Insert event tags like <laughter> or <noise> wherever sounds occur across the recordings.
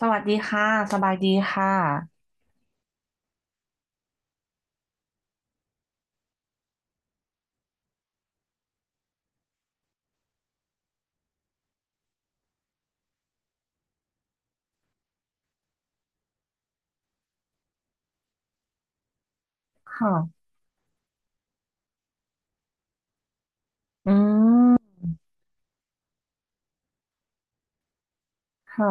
สวัสดีค่ะสบายดีค่ะค่ะอืมค่ะ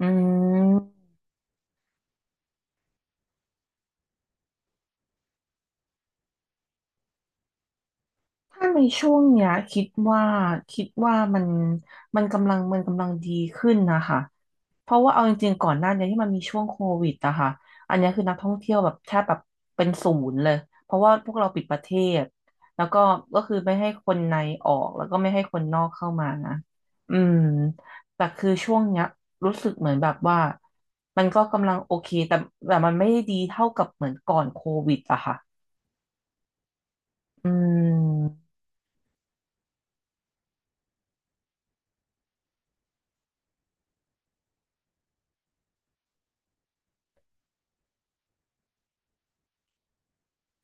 อืม ถ้าในช่วงเนี้ยคิดว่าคิดว่ามันมันกำลังดีขึ้นนะคะเพราะว่าเอาจริงๆก่อนหน้านี้ที่มันมีช่วงโควิดอะค่ะอันเนี้ยคือนักท่องเที่ยวแบบแทบแบบเป็นศูนย์เลยเพราะว่าพวกเราปิดประเทศแล้วก็ก็คือไม่ให้คนในออกแล้วก็ไม่ให้คนนอกเข้ามานะอืมแต่คือช่วงเนี้ยรู้สึกเหมือนแบบว่ามันก็กำลังโอเคแต่มันไม่ได้ดีเท่ากับเหมือนก่อนโควิดอะค่ะอืม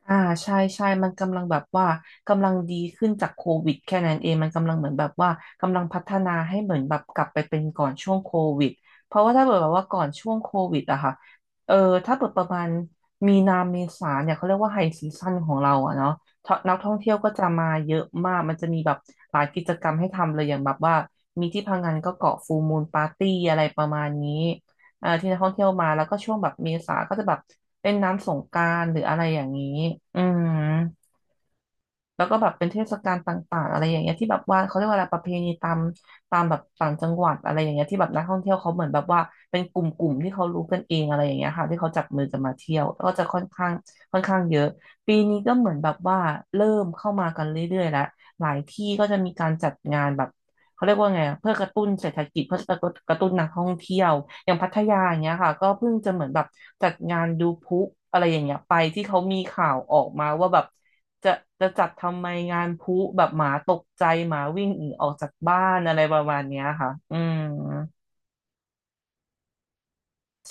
อ่าใช่ใช่มันกำลังแบบว่ากำลังดีขึ้นจากโควิดแค่นั้นเองมันกำลังเหมือนแบบว่ากำลังพัฒนาให้เหมือนแบบกลับไปเป็นก่อนช่วงโควิดเพราะว่าถ้าเกิดแบบว่าก่อนช่วงโควิดอะค่ะเออถ้าเกิดประมาณมีนาเมษาเนี่ยเขาเรียกว่าไฮซีซั่นของเราอะเนาะท่อนักท่องเที่ยวก็จะมาเยอะมากมันจะมีแบบหลายกิจกรรมให้ทำเลยอย่างแบบว่ามีที่พังงานก็เกาะฟูลมูนปาร์ตี้อะไรประมาณนี้ อ่าที่นักท่องเที่ยวมาแล้วก็ช่วงแบบเมษาก็จะแบบเป็นน้ำสงกรานต์หรืออะไรอย่างนี้อืมแล้วก็แบบเป็นเทศกาลต่างๆอะไรอย่างเงี้ยที่แบบว่าเขาเรียกว่าอะไรประเพณีตามแบบต่างจังหวัดอะไรอย่างเงี้ยที่แบบนักท่องเที่ยวเขาเหมือนแบบว่าเป็นกลุ่มๆที่เขารู้กันเองอะไรอย่างเงี้ยค่ะที่เขาจับมือกันมาเที่ยวแล้วก็จะค่อนข้างเยอะปีนี้ก็เหมือนแบบว่าเริ่มเข้ามากันเรื่อยๆแล้วหลายที่ก็จะมีการจัดงานแบบ เขาเรียกว่าไงอะเพื่อกระตุ้นเศรษฐกิจเพื่อกระตุ้นนักท่องเที่ยวอย่างพัทยาอย่างเงี้ยค่ะก็เพิ่งจะเหมือนแบบจัดงานดูพลุอะไรอย่างเงี้ยไปที่เขามีข่าวออกมาว่าแบบจะจะจัดทำไมงานพลุแบบหมาตกใจหมาวิ่งหนีออกจากบ้านอะไรประมาณเนี้ยค่ะอืม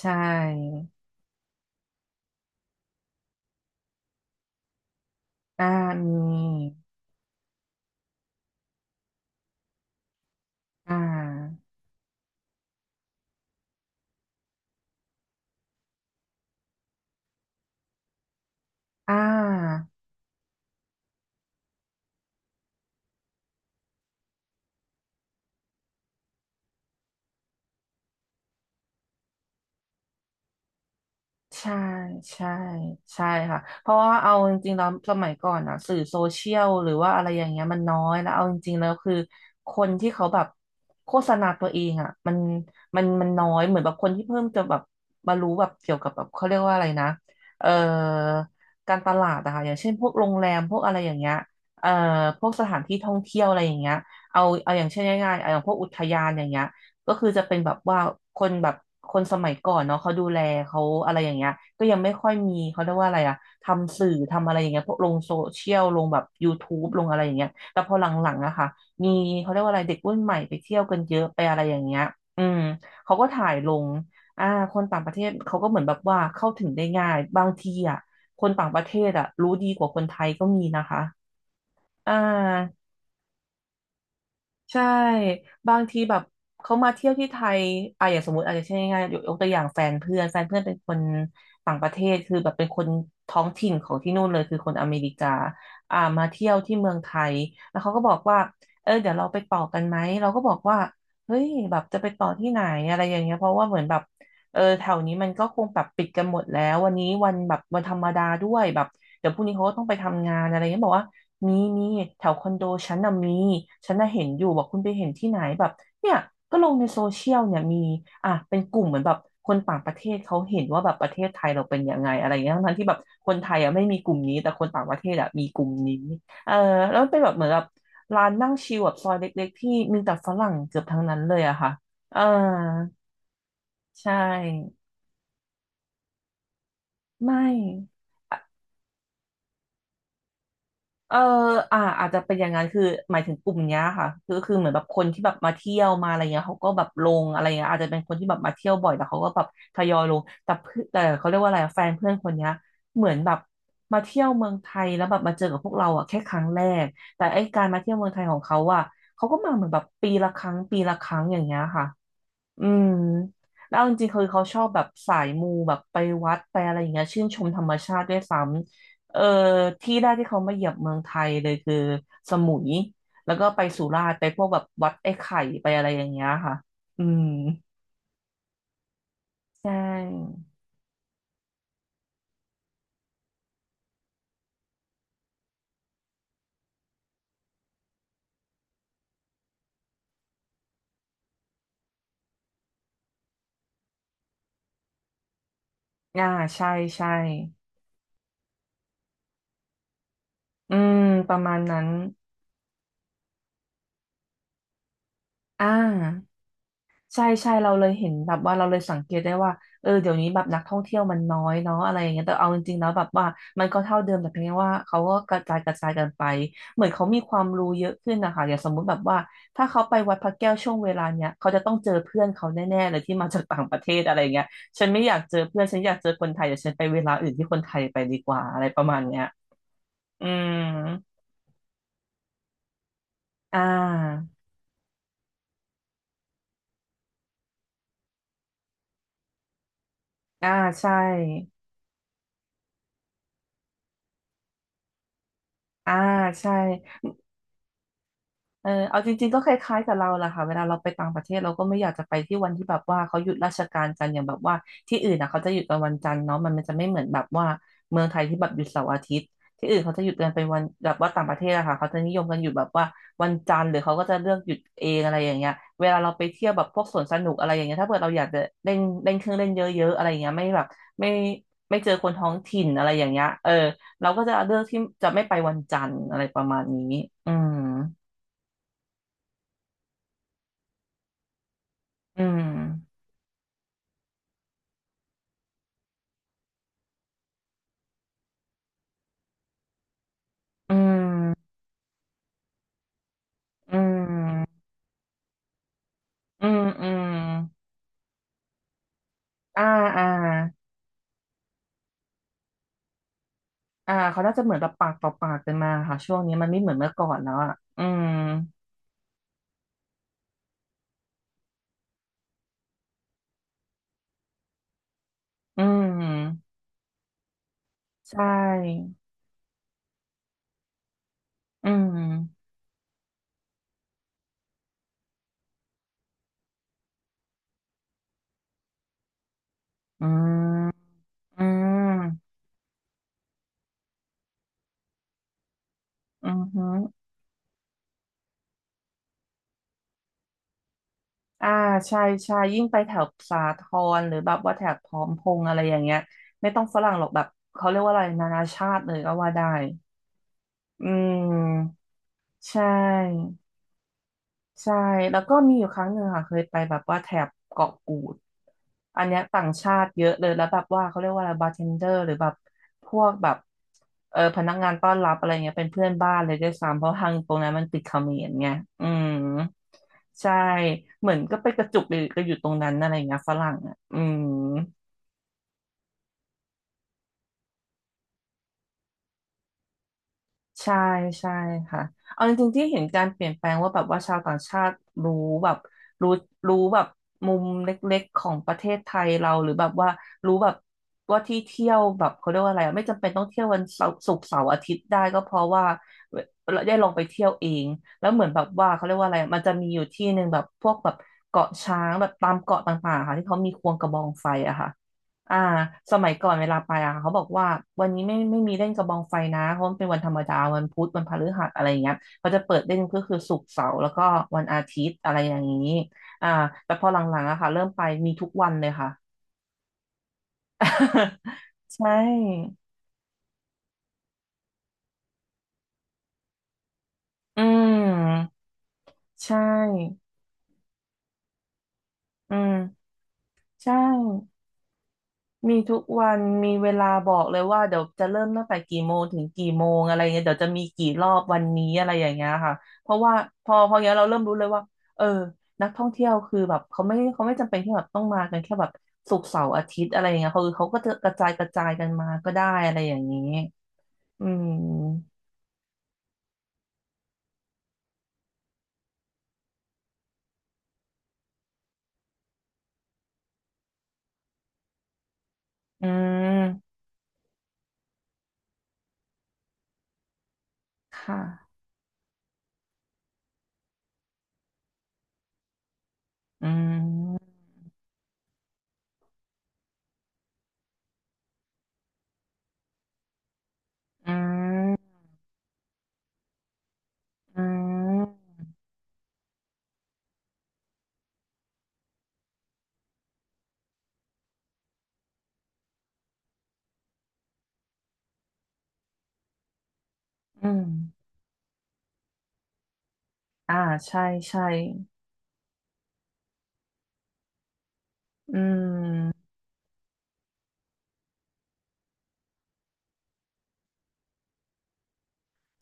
ใช่อ่ามีอ่าอ่า ใช่ใช่ใช่ค่ะเพราะว่าเอาจริงๆแล้วสมัยก่อนอะสื่อโซเชียลหรือว่าอะไรอย่างเงี้ยมันน้อยแล้วเอาจริงๆแล้วคือคนที่เขาแบบโฆษณาตัวเองอะมันมันน้อยเหมือนแบบคนที่เพิ่มจะแบบมารู้แบบเกี่ยวกับแบบเขาเรียกว่าอะไรนะเอ่อการตลาดอะค่ะอย่างเช่นพวกโรงแรมพวกอะไรอย่างเงี้ยเอ่อพวกสถานที่ท่องเที่ยวอะไรอย่างเงี้ยเอาอย่างเช่นง่ายๆเอาอย่างพวกอุทยานอย่างเงี้ย ก็คือจะเป็นแบบว่าคนแบบคนสมัยก่อนเนาะเขาดูแลเขาอะไรอย่างเงี้ยก็ยังไม่ค่อยมีเขาเรียกว่าอะไรอะทำสื่อทำอะไรอย่างเงี้ยพวกลงโซเชียลลงแบบยูทูบลงอะไรอย่างเงี้ยแต่พอหลังๆอะค่ะมีเขาเรียกว่าอะไรเด็กรุ่นใหม่ไปเที่ยวกันเยอะไปอะไรอย่างเงี้ยอืมเขาก็ถ่ายลงอ่าคนต่างประเทศเขาก็เหมือนแบบว่าเข้าถึงได้ง่ายบางทีอะคนต่างประเทศอะรู้ดีกว่าคนไทยก็มีนะคะอ่า ใช่บางทีแบบเขามาเที่ยวที่ไทยอ่ะอย่างสมมติอาจจะเช่นง่ายๆยกตัวอย่างแฟนเพื่อนเป็นคนต่างประเทศคือแบบเป็นคนท้องถิ่นของที่นู่นเลยคือคนอเมริกาอ่ามาเที่ยวที่เมืองไทยแล้วเขาก็บอกว่าเออเดี๋ยวเราไปต่อกันไหมเราก็บอกว่าเฮ้ยแบบจะไปต่อที่ไหนอะไรอย่างเงี้ยเพราะว่าเหมือนแบบ เออแถวนี้มันก็คงแบบปิดกันหมดแล้ววันนี้วันแบบวันธรรมดาด้วยแบบเดี๋ยวพรุ่งนี้เขาก็ต้องไปทำงานอะไรเงี้ยบอกว่ามีแถวคอนโดฉันน่ะมีฉันน่ะเห็นอยู่บอกคุณไปเห็นที่ไหนแบบเนี่ยก็ลงในโซเชียลเนี่ยมีอ่ะเป็นกลุ่มเหมือนแบบคนต่างประเทศเขาเห็นว่าแบบประเทศไทยเราเป็นยังไงอะไรเงี้ยทั้งที่แบบคนไทยอ่ะไม่มีกลุ่มนี้แต่คนต่างประเทศอ่ะมีกลุ่มนี้เออแล้วมันเป็นแบบเหมือนแบบร้านนั่งชิลแบบซอยเล็กๆที่มีแต่ฝรั่งเกือบทั้งนั้นเลยอะค่ะเออใช่ ไม่เอออาจจะเป็นอย่างนั้นคือหมายถึงกลุ่มเนี้ยค่ะคือเหมือนแบบคนที่แบบมาเที่ยวมาอะไรเงี้ยเขาก็แบบลงอะไรเงี้ยอาจจะเป็นคนที่แบบมาเที่ยวบ่อยแต่เขาก็แบบทยอยลงแต่เพื่อนแต่เขาเรียกว่าอะไรอะแฟนเพื่อนคนเนี้ยเหมือนแบบมาเที่ยวเมืองไทยแล้วแบบมาเจอกับพวกเราอ่ะแค่ครั้งแรกแต่ไอ้การมาเที่ยวเมืองไทยของเขาอ่ะเขาก็มาเหมือนแบบปีละครั้งปีละครั้งอย่างเงี้ยค่ะ อืม แล้วเอาจริงๆคือเขาชอบแบบสายมูแบบไปวัดไปอะไรอย่างเงี้ยชื่นชมธรรมชาติด้วยซ้ำเออที่แรกที่เขามาเหยียบเมืองไทยเลยคือสมุยแล้วก็ไปสุราษฎร์ไปพวกแบบวัดไอ้ไข่ไปอะไรอย่างเงี้ยค่ะ อืมใช่ อ่าใช่ใช่ อืมประมาณนั้น อ่า ใช่ใช่เราเลยเห็นแบบว่าเราเลยสังเกตได้ว่าเออเดี๋ยวนี้แบบนักท่องเที่ยวมันน้อยเนาะอะไรอย่างเงี้ยแต่เอาจริงๆแล้วแบบว่ามันก็เท่าเดิมแต่เพียงแค่ว่าเขาก็กระจายกันไปเหมือนเขามีความรู้เยอะขึ้นนะคะอย่างสมมุติแบบว่าถ้าเขาไปวัดพระแก้วช่วงเวลาเนี้ยเขาจะต้องเจอเพื่อนเขาแน่ๆเลยที่มาจากต่างประเทศอะไรอย่างเงี้ยฉันไม่อยากเจอเพื่อนฉันอยากเจอคนไทยเดี๋ยวฉันไปเวลาอื่นที่คนไทยไปดีกว่าอะไรประมาณเนี้ยอืมอ่าอ่าใช่อ่าใช่ เออเอาจริงๆก็คล้ายๆกับเราแหละค่ะเวลาเราไปต่างประเทศเราก็ไม่อยากจะไปที่วันที่แบบว่าเขาหยุดราชการกันอย่างแบบว่าที่อื่นอ่ะเขาจะหยุดกันวันจันทร์เนาะมันจะไม่เหมือนแบบว่าเมืองไทยที่แบบหยุดเสาร์อาทิตย์ที่อื่นเขาจะหยุดกันเป็นวันแบบว่าต่างประเทศอะค่ะเขาจะนิยมกันหยุดแบบว่าวันจันทร์หรือเขาก็จะเลือกหยุดเองอะไรอย่างเงี้ยเวลาเราไปเที่ยวแบบพวกสวนสนุกอะไรอย่างเงี้ยถ้าเกิดเราอยากจะเล่นเล่นเครื่องเล่นเยอะๆอะไรอย่างเงี้ยไม่แบบไม่ไม่เจอคนท้องถิ่นอะไรอย่างเงี้ยเออเราก็จะเลือกที่จะไม่ไปวันจันทร์อะไรประมาณนี้อืม อืมอืมอืมอืมอืมอ่าอ่าอ่าเขาน่าจะเหมือนแบบปากต่อปากกันมาค่ะช่วงนี้มันไม่เหมือนเมื่อก่อนแล้วอ่ะอืมอืมใช่อืมอืมอืมอือฮึอ่าใช่ใช่ยิ่งไปแถบสาทรหรือแบบว่าแถบพร้อมพงษ์อะไรอย่างเงี้ยไม่ต้องฝรั่งหรอกแบบเขาเรียกว่าอะไรนานาชาติเลยก็ว่าได้อืมใช่ ใช่แล้วก็มีอยู่ครั้งหนึ่งค่ะเคยไปแบบว่าแถบเกาะกูดอันเนี้ยต่างชาติเยอะเลยแล้วแบบว่าเขาเรียกว่าอะไรบาร์เทนเดอร์หรือแบบพวกแบบเออพนักงานต้อนรับอะไรเงี้ยเป็นเพื่อนบ้านเลยด้วยซ้ำเพราะทางตรงนั้นมันติดเขมรไงอืมใช่เหมือนก็ไปกระจุกอยู่ก็อยู่ตรงนั้นอะไรเงี้ยฝรั่งอ่ะอืม ใช่ใช่ค่ะเอาจริงๆที่เห็นการเปลี่ยนแปลงว่าแบบว่าชาวต่างชาติรู้แบบรู้รู้แบบมุมเล็กๆของประเทศไทยเราหรือแบบว่ารู้แบบว่าที่เที่ยวแบบเขาเรียกว่าอะไรอะไม่จำเป็นต้องเที่ยววันเสาร์ศุกร์เสาร์อาทิตย์ได้ก็เพราะว่าเราได้ลงไปเที่ยวเองแล้วเหมือนแบบว่าเขาเรียกว่าอะไรอะมันจะมีอยู่ที่หนึ่งแบบพวกแบบเกาะช้างแบบตามเกาะต่างๆค่ะที่เขามีควงกระบองไฟอะค่ะ อ่าสมัยก่อนเวลาไปอ่ะเขาบอกว่าวันนี้ไม่มีเล่นกระบองไฟนะเพราะมันเป็นวันธรรมดาวันพุธวันพฤหัสอะไรอย่างเงี้ยเขาจะเปิดเล่นก็คือศุกร์เสาร์แล้วก็วันอาทิตย์อะไรอย่างนี้อ่าแต่พอหลังๆอะค่ะเริ่มไปมีทุกวันเลยค่ะ <laughs> ใช่อืมใช่อืมใช่ มีทุกวันมีเวลาบอกเลยว่าเดี๋ยวจะเริ่มตั้งแต่กี่โมงถึงกี่โมงอะไรเงี้ยเดี๋ยวจะมีกี่รอบวันนี้อะไรอย่างเงี้ยค่ะเพราะว่าพออย่างเงี้ยเราเริ่มรู้เลยว่าเออนักท่องเที่ยวคือแบบเขาไม่จำเป็นที่แบบต้องมากันแค่แบบศุกร์เสาร์อาทิตย์อะไรอย่างเงี้ยเขาก็จะกระจายกันมาก็ได้อะไรอย่างนี้อืมอืมค่ะอืมอืมอืมอืมอ่าใช่ใช่อืม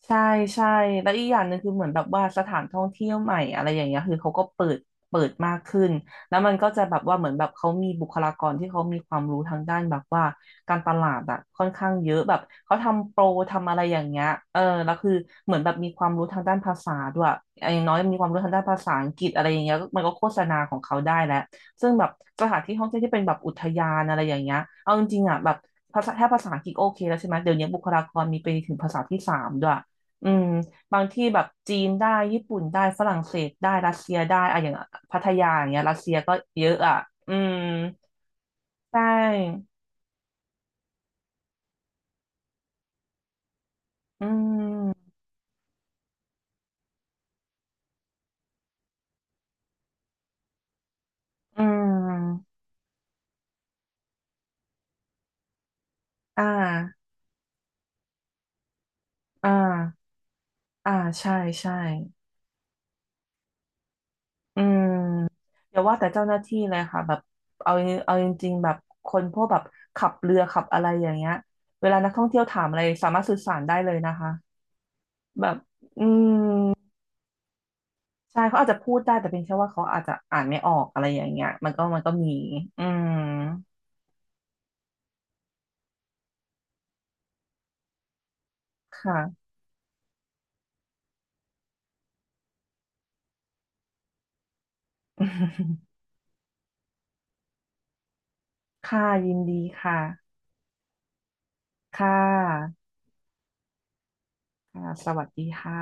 ใช่ใช่แล้วอีกอย่างหนึ่งคือเหมือนแบบว่าสถานท่องเที่ยวใหม่อะไรอย่างเงี้ยคือเขาก็เปิดมากขึ้นแล้วมันก็จะแบบว่าเหมือนแบบเขามีบุคลากรที่เขามีความรู้ทางด้านแบบว่าการตลาดอะค่อนข้างเยอะแบบเขาทำโปรทำอะไรอย่างเงี้ยเออแล้วคือเหมือนแบบมีความรู้ทางด้านภาษาด้วยอย่างน้อยมีความรู้ทางด้านภาษาอังกฤษอะไรอย่างเงี้ยมันก็โฆษณาของเขาได้แล้วซึ่งแบบสถานที่ท่องเที่ยวที่เป็นแบบอุทยานอะไรอย่างเงี้ยเอาจริงๆอ่ะแบบภาษาแค่ภาษาอังกฤษโอเคแล้วใช่ไหมเดี๋ยวนี้บุคลากรมีไปถึงภาษาที่สามด้วย อืมบางที่แบบจีนได้ญี่ปุ่นได้ฝรั่งเศสได้รัสเซียได้อะอย่างพัทยาอย่างเงี้ยรัสเซียก็เยอะอ่ะอืมใช่อืมอืมอ่าอ่าอ่าใช่ใช่อืมอย่าว่าแต่เจ้าหน้าที่เลยค่ะแบบเอาเอาจริงๆแบบคนพวกแบบขับเรือขับอะไรอย่างเงี้ยเวลานักท่องเที่ยวถามอะไรสามารถสื่อสารได้เลยนะคะแบบอืม ใช่เขาอาจจะพูดได้แต่เป็นแค่ว่าเขาอาจจะอ่านไม่ออกอะไรอย่างเงี้ยมันก็มีอืมค่ะ <laughs> ค่ะยินดีค่ะค่ะค่ะสวัสดีค่ะ